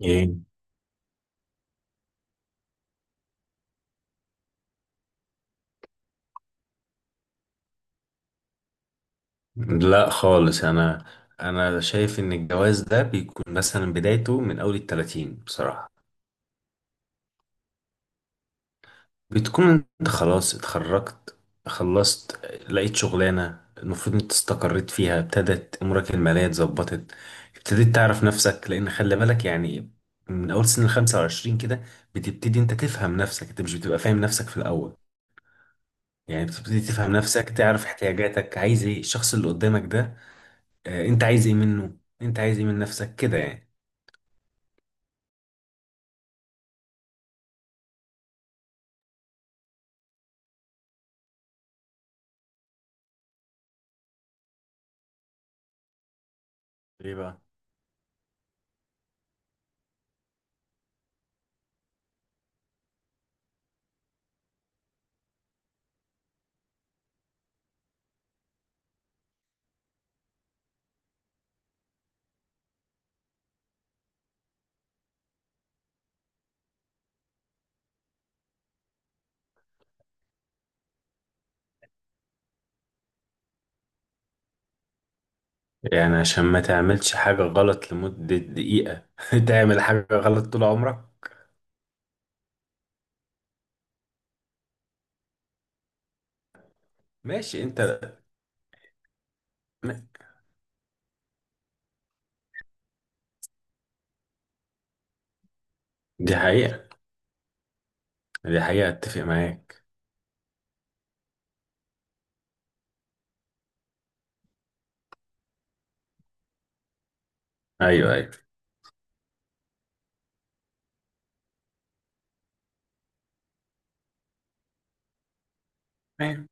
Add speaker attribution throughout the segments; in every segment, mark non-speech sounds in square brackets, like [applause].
Speaker 1: ايه. لا خالص، انا شايف ان الجواز ده بيكون مثلا بدايته من اول التلاتين بصراحة. بتكون انت خلاص اتخرجت، خلصت، لقيت شغلانة المفروض انت استقريت فيها، ابتدت امورك المالية اتظبطت، ابتديت تعرف نفسك، لان خلي بالك يعني من اول سن الـ25 كده بتبتدي انت تفهم نفسك. انت مش بتبقى فاهم نفسك في الاول. يعني بتبتدي تفهم نفسك، تعرف احتياجاتك، عايز ايه الشخص اللي قدامك ده، انت عايز ايه منه، انت عايز ايه من نفسك كده يعني. ليه بقى؟ يعني عشان ما تعملش حاجة غلط لمدة دقيقة [laughs] تعمل حاجة غلط طول عمرك. ماشي انت. دي حقيقة، دي حقيقة، اتفق معاك. ايوه، ايوه، ايوه.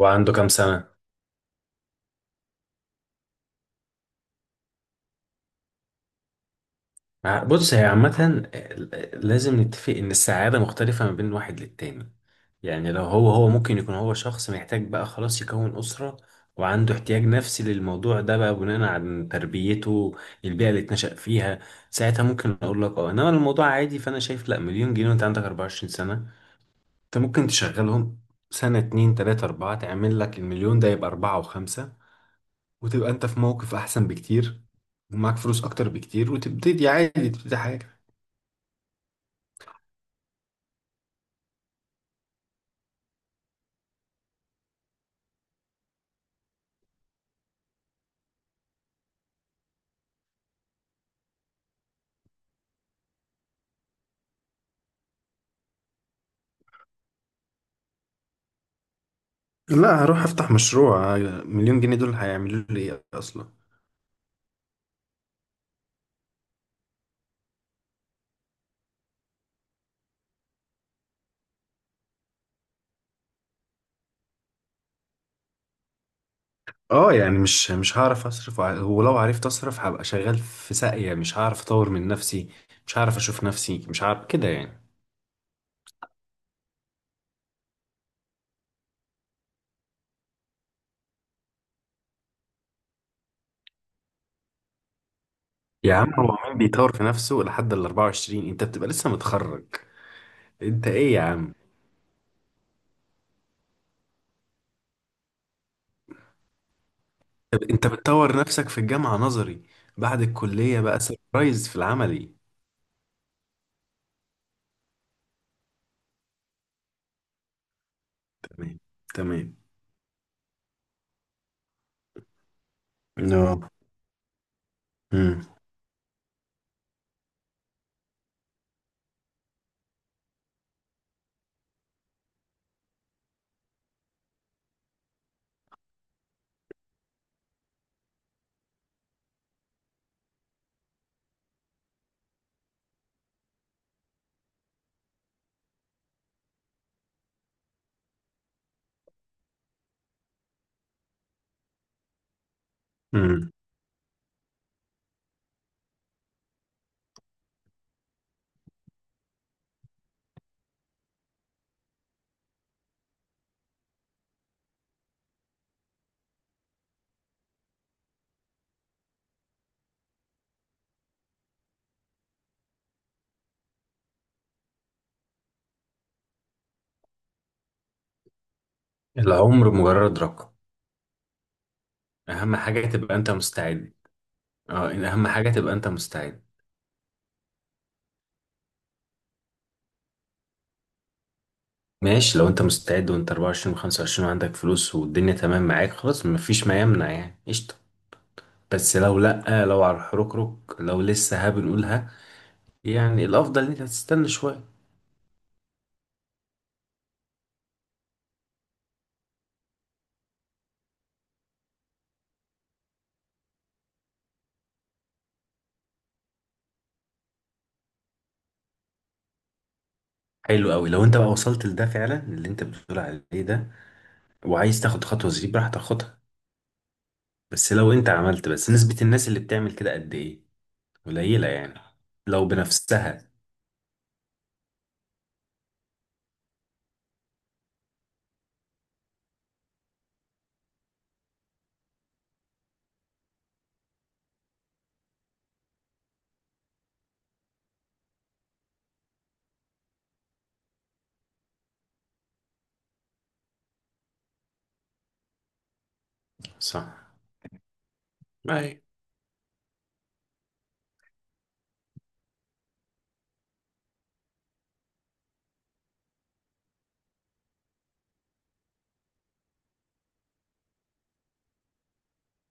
Speaker 1: وعنده كام سنة؟ بص، هي عامة لازم نتفق ان السعادة مختلفة ما بين واحد للتاني. يعني لو هو ممكن يكون هو شخص محتاج بقى خلاص يكون أسرة، وعنده احتياج نفسي للموضوع ده بقى بناء على تربيته، البيئة اللي اتنشأ فيها. ساعتها ممكن أقول لك اه إنما الموضوع عادي. فأنا شايف لأ، مليون جنيه وأنت عندك 24 سنة، أنت ممكن تشغلهم سنة اتنين تلاتة أربعة تعمل لك المليون ده يبقى أربعة وخمسة، وتبقى أنت في موقف أحسن بكتير، ومعاك فلوس أكتر بكتير، وتبتدي عادي، تبتدي حاجة. لا، هروح أفتح مشروع. مليون جنيه دول هيعملوا لي إيه أصلا؟ اه، يعني مش هعرف اصرف، ولو عرفت اصرف هبقى شغال في ساقية، مش هعرف اطور من نفسي، مش هعرف اشوف نفسي، مش عارف كده يعني. يا عم، هو مين بيطور في نفسه لحد ال 24؟ انت بتبقى لسه متخرج. انت ايه يا عم. طب انت بتطور نفسك في الجامعة نظري، بعد الكلية بقى سربرايز في العملي. تمام، تمام. نو. امم، امم. العمر مجرد رقم. اهم حاجة تبقى انت مستعد. اه، اهم حاجة تبقى انت مستعد. ماشي، لو انت مستعد وانت 24 و 25 وعندك فلوس والدنيا تمام معاك، خلاص مفيش ما يمنع يعني، قشطة. بس لو لأ، لو على الحركرك، لو لسه ها بنقولها، يعني الأفضل إن أنت تستنى شوية. حلو قوي. لو أنت بقى وصلت لده فعلا اللي أنت بتقول عليه ده، وعايز تاخد خطوة زي دي براحتك، خدها. بس لو أنت عملت، بس نسبة الناس اللي بتعمل كده قد إيه؟ قليلة يعني، لو بنفسها. صح. اي.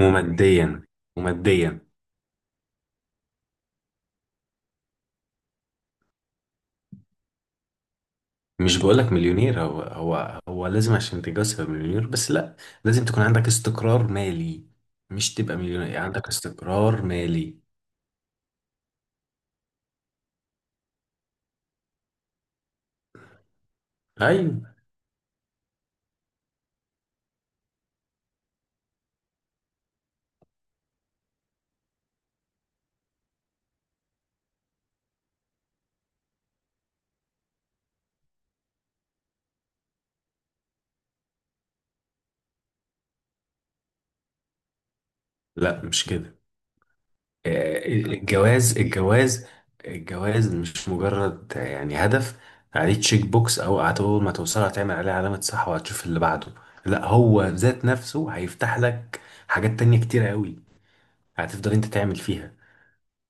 Speaker 1: وماديا، وماديا. مش بقولك مليونير. هو لازم عشان تتجوز تبقى مليونير، بس لا، لازم تكون عندك استقرار مالي. مش تبقى مليونير، يعني عندك استقرار مالي. ايوه. لا مش كده. الجواز. الجواز مش مجرد يعني هدف عليه تشيك بوكس، او اول ما توصل هتعمل عليه علامة صح وهتشوف اللي بعده. لا، هو ذات نفسه هيفتح لك حاجات تانية كتيرة قوي هتفضل انت تعمل فيها.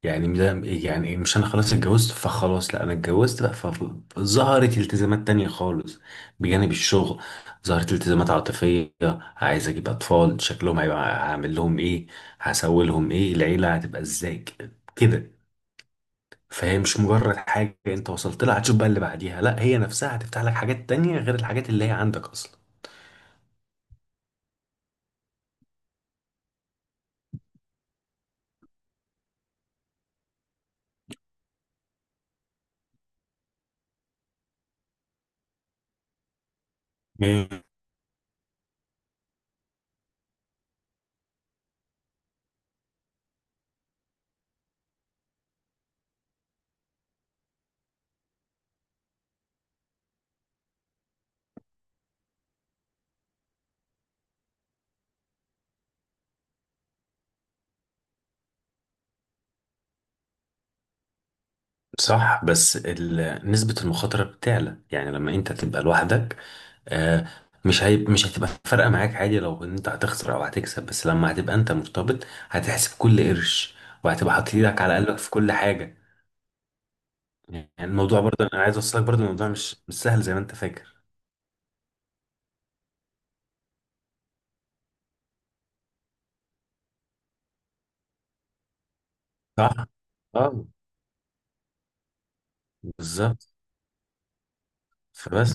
Speaker 1: يعني ده يعني مش انا خلاص اتجوزت فخلاص، لا، انا اتجوزت بقى فظهرت التزامات تانية خالص بجانب الشغل، ظهرت التزامات عاطفية. عايز اجيب اطفال شكلهم هيبقى، هعمل لهم ايه، هسوي لهم ايه، العيلة هتبقى ازاي، كده. فهي مش مجرد حاجة انت وصلت لها هتشوف بقى اللي بعديها، لا هي نفسها هتفتح لك حاجات تانية غير الحاجات اللي هي عندك اصلا. صح، بس نسبة المخاطرة بتعلى يعني لما انت تبقى لوحدك. آه، مش هتبقى فارقة معاك عادي لو ان انت هتخسر او هتكسب، بس لما هتبقى انت مرتبط هتحسب كل قرش، وهتبقى حاطط ايدك على قلبك في كل حاجة. يعني الموضوع برضه، انا عايز اوصلك برضه الموضوع مش سهل زي ما انت فاكر. صح. اه. بالظبط. فبس.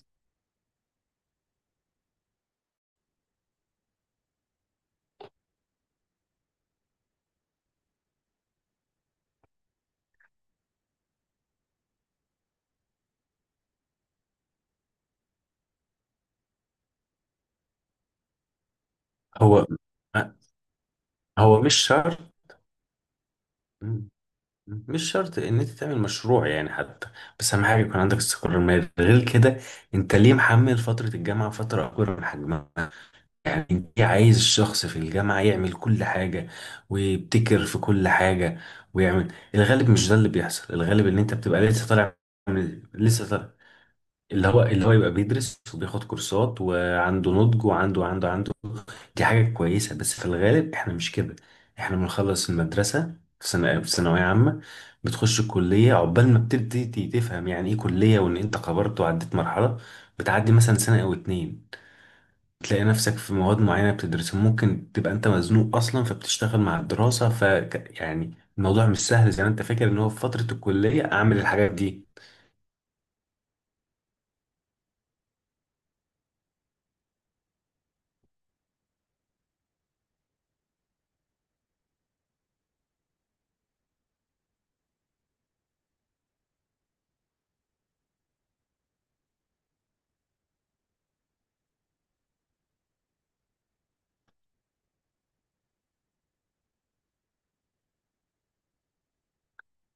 Speaker 1: هو آه، هو مش شرط ان انت تعمل مشروع يعني حتى. بس اهم حاجه يكون عندك استقرار مالي غير كده. انت ليه محمل فتره الجامعه فتره اكبر من حجمها؟ يعني انت عايز الشخص في الجامعه يعمل كل حاجه ويبتكر في كل حاجه ويعمل. الغالب مش ده اللي بيحصل، الغالب ان انت بتبقى لسه طالع، من لسه طالع. اللي هو يبقى بيدرس وبياخد كورسات وعنده نضج وعنده عنده عنده. دي حاجة كويسة، بس في الغالب احنا مش كده. احنا بنخلص المدرسة في سنة في ثانوية عامة، بتخش الكلية عقبال ما بتبتدي تفهم يعني ايه كلية، وان انت كبرت وعديت مرحلة، بتعدي مثلا سنة او اتنين تلاقي نفسك في مواد معينة بتدرسها، ممكن تبقى انت مزنوق اصلا فبتشتغل مع الدراسة، ف يعني الموضوع مش سهل زي ما انت فاكر ان هو في فترة الكلية اعمل الحاجات دي.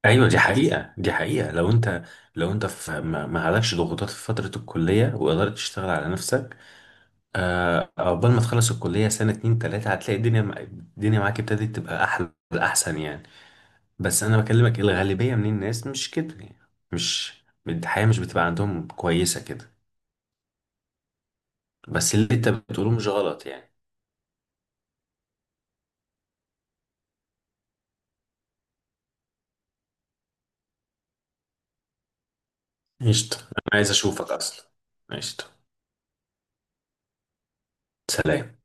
Speaker 1: ايوه، دي حقيقة، دي حقيقة. لو انت في ما عليكش ضغوطات في فترة الكلية وقدرت تشتغل على نفسك، عقبال ما تخلص الكلية سنة اتنين تلاتة هتلاقي الدنيا الدنيا معاك ابتدت تبقى احلى احسن يعني. بس انا بكلمك الغالبية من الناس مش كده يعني، مش الحياة مش بتبقى عندهم كويسة كده. بس اللي انت بتقوله مش غلط يعني. قشطة، انا عايز اشوفك اصلا. قشطة. سلام.